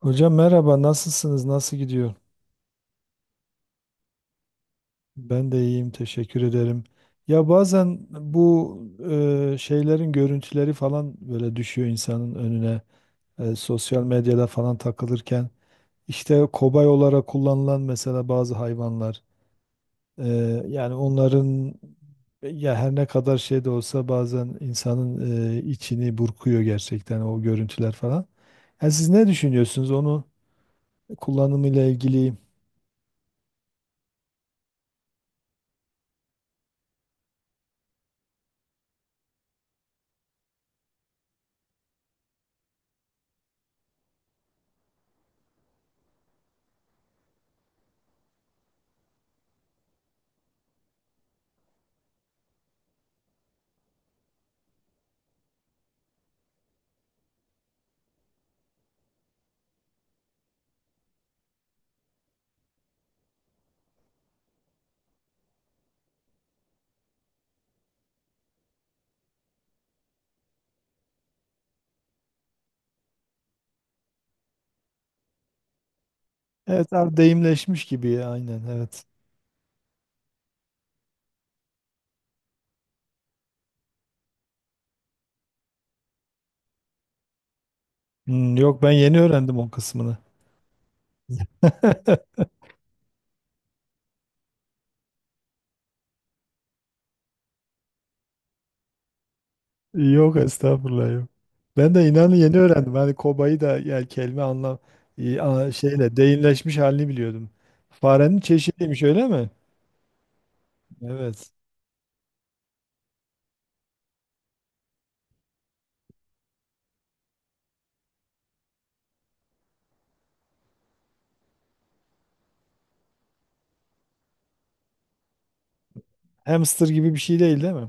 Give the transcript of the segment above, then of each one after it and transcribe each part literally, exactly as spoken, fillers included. Hocam merhaba, nasılsınız? Nasıl gidiyor? Ben de iyiyim, teşekkür ederim. Ya bazen bu e, şeylerin görüntüleri falan böyle düşüyor insanın önüne. E, sosyal medyada falan takılırken işte kobay olarak kullanılan mesela bazı hayvanlar. E, Yani onların ya her ne kadar şey de olsa bazen insanın e, içini burkuyor gerçekten o görüntüler falan. Yani siz ne düşünüyorsunuz onu kullanımıyla ilgili? Evet abi, deyimleşmiş gibi ya, aynen, evet. Hmm, yok, ben yeni öğrendim o kısmını. Yok estağfurullah, yok. Ben de inanın yeni öğrendim. Hani kobayı da yani kelime anlam i- a- şeyle deyimleşmiş halini biliyordum. Farenin çeşidiymiş, öyle mi? Evet. Hamster gibi bir şey değil, değil mi?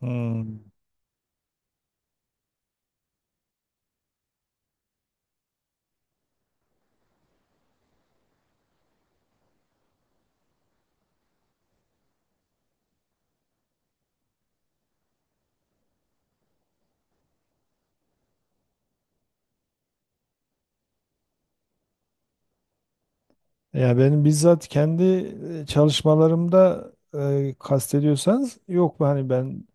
Hmm. Ya benim bizzat kendi e, çalışmalarımda e, kastediyorsanız, yok, hani ben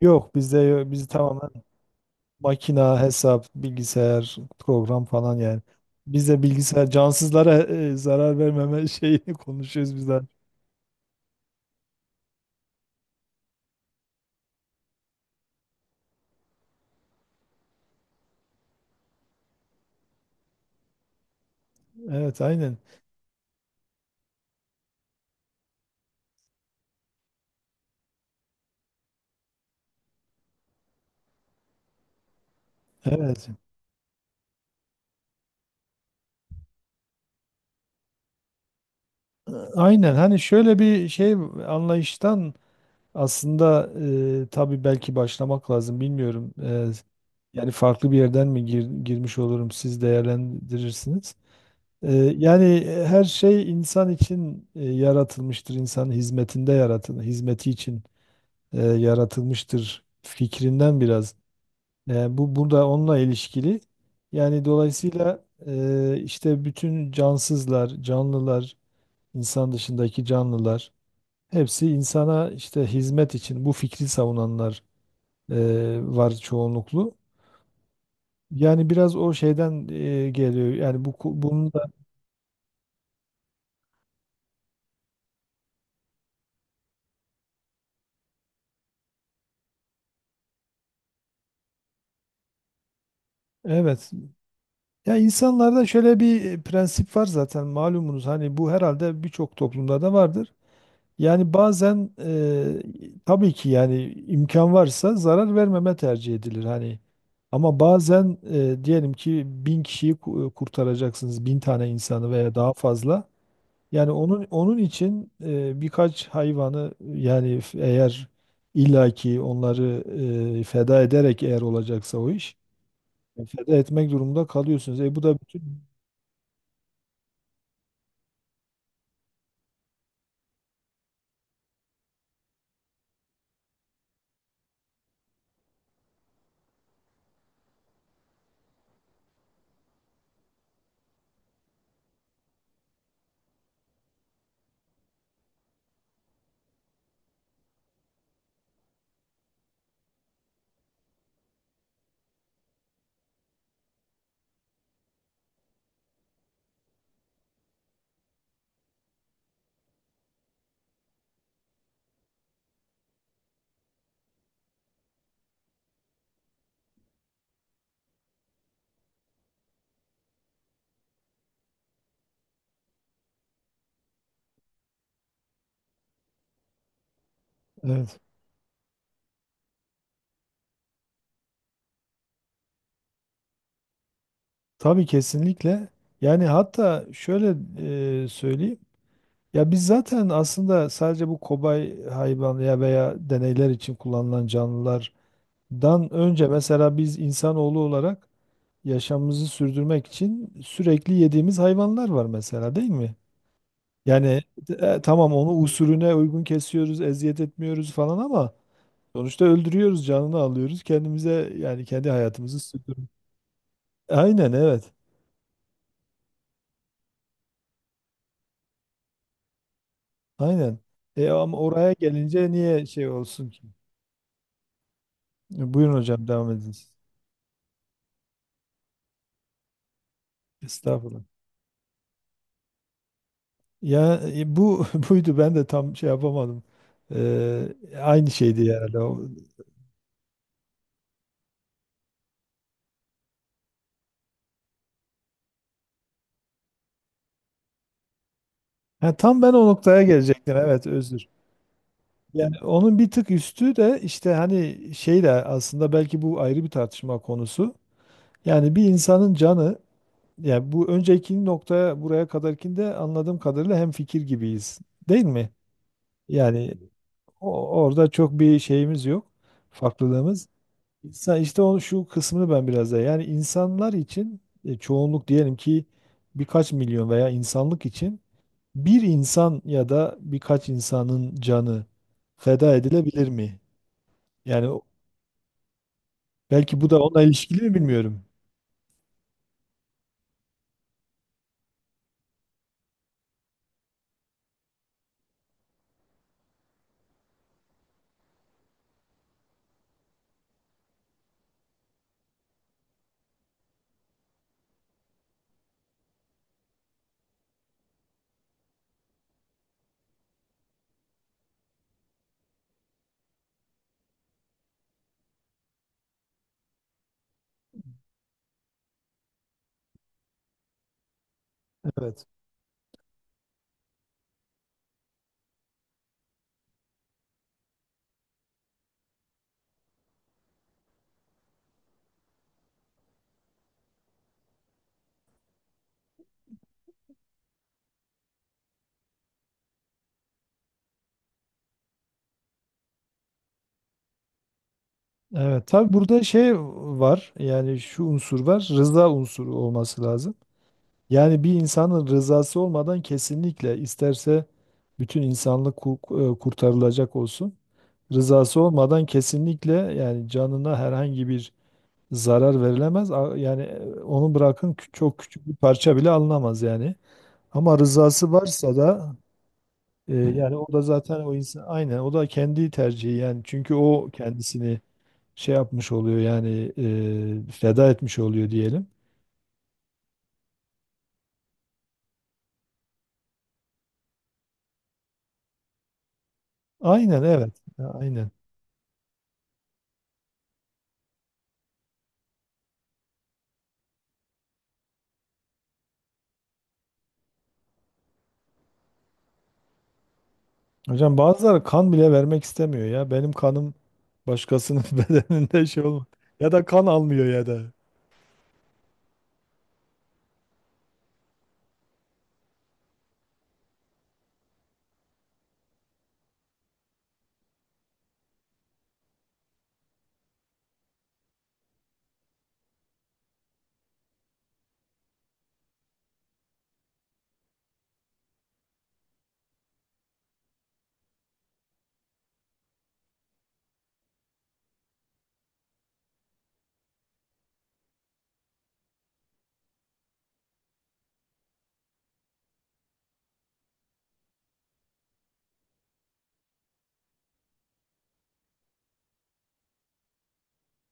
yok, bizde yo- biz tamamen makina, hesap, bilgisayar, program falan yani. Biz de bilgisayar cansızlara e, zarar vermeme şeyini konuşuyoruz biz de. Evet, aynen. Evet. Aynen. Hani şöyle bir şey anlayıştan aslında e, tabii belki başlamak lazım. Bilmiyorum. E, yani farklı bir yerden mi gir- girmiş olurum siz değerlendirirsiniz. Ee, Yani e, her şey insan için e, yaratılmıştır. İnsanın hizmetinde yaratılır, hizmeti için e, yaratılmıştır fikrinden biraz. E, bu burada da onunla ilişkili. Yani dolayısıyla e, işte bütün cansızlar, canlılar, insan dışındaki canlılar hepsi insana işte hizmet için bu fikri savunanlar e, var çoğunluklu. Yani biraz o şeyden e, geliyor. Yani bu ku- bunun da evet. Ya insanlarda şöyle bir e, prensip var zaten malumunuz. Hani bu herhalde birçok toplumda da vardır. Yani bazen eee, tabii ki yani imkan varsa zarar vermeme tercih edilir hani. Ama bazen eee, diyelim ki bin kişiyi ku- kurtaracaksınız, bin tane insanı veya daha fazla. Yani onun onun için eee, birkaç hayvanı yani f- eğer illaki onları eee, feda ederek eğer olacaksa o iş, feda etmek durumunda kalıyorsunuz. E bu da bütün evet. Tabii kesinlikle. Yani hatta şöyle eee söyleyeyim. Ya biz zaten aslında sadece bu kobay hayvan ya veya deneyler için kullanılan canlılardan önce mesela biz insanoğlu olarak yaşamımızı sürdürmek için sürekli yediğimiz hayvanlar var mesela, değil mi? Yani e, tamam onu usulüne uygun kesiyoruz, eziyet etmiyoruz falan ama sonuçta öldürüyoruz, canını alıyoruz. Kendimize yani kendi hayatımızı sürdürüyoruz. Aynen evet. Aynen. E ama oraya gelince niye şey olsun ki? E, buyurun hocam, devam ediniz. Estağfurullah. Ya e, bu buydu, ben de tam şey yapamadım. Ee, Aynı şeydi herhalde. O- Ha, tam ben o noktaya gelecektim. Evet, özür. Yani onun bir tık üstü de işte hani şey de aslında belki bu ayrı bir tartışma konusu. Yani bir insanın canı, yani bu önceki noktaya buraya kadarkinde anladığım kadarıyla hemfikir gibiyiz. Değil mi? Yani o- orada çok bir şeyimiz yok. Farklılığımız. Sen işte o şu kısmını ben biraz daha yani insanlar için e, çoğunluk diyelim ki birkaç milyon veya insanlık için bir insan ya da birkaç insanın canı feda edilebilir mi? Yani o- belki bu da onunla ilişkili mi bilmiyorum. Evet. Evet tabii burada şey var, yani şu unsur var, rıza unsuru olması lazım. Yani bir insanın rızası olmadan kesinlikle, isterse bütün insanlık ku- e, kurtarılacak olsun. Rızası olmadan kesinlikle yani canına herhangi bir zarar verilemez. A- Yani e, onu bırakın, kü- çok küçük bir parça bile alınamaz yani. Ama rızası varsa da e, yani o da zaten o insan aynen o da kendi tercihi yani çünkü o kendisini şey yapmış oluyor yani e, feda etmiş oluyor diyelim. Aynen evet. Aynen. Hocam bazıları kan bile vermek istemiyor ya. Benim kanım başkasının bedeninde şey olmaz. Ya da kan almıyor ya da.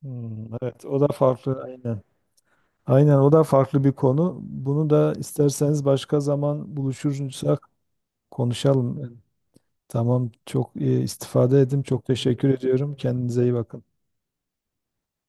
Hmm, evet, o da farklı, aynen. Aynen, o da farklı bir konu. Bunu da isterseniz başka zaman buluşursak konuşalım. Tamam, çok e, istifade edin. Çok teşekkür ediyorum. Kendinize iyi bakın.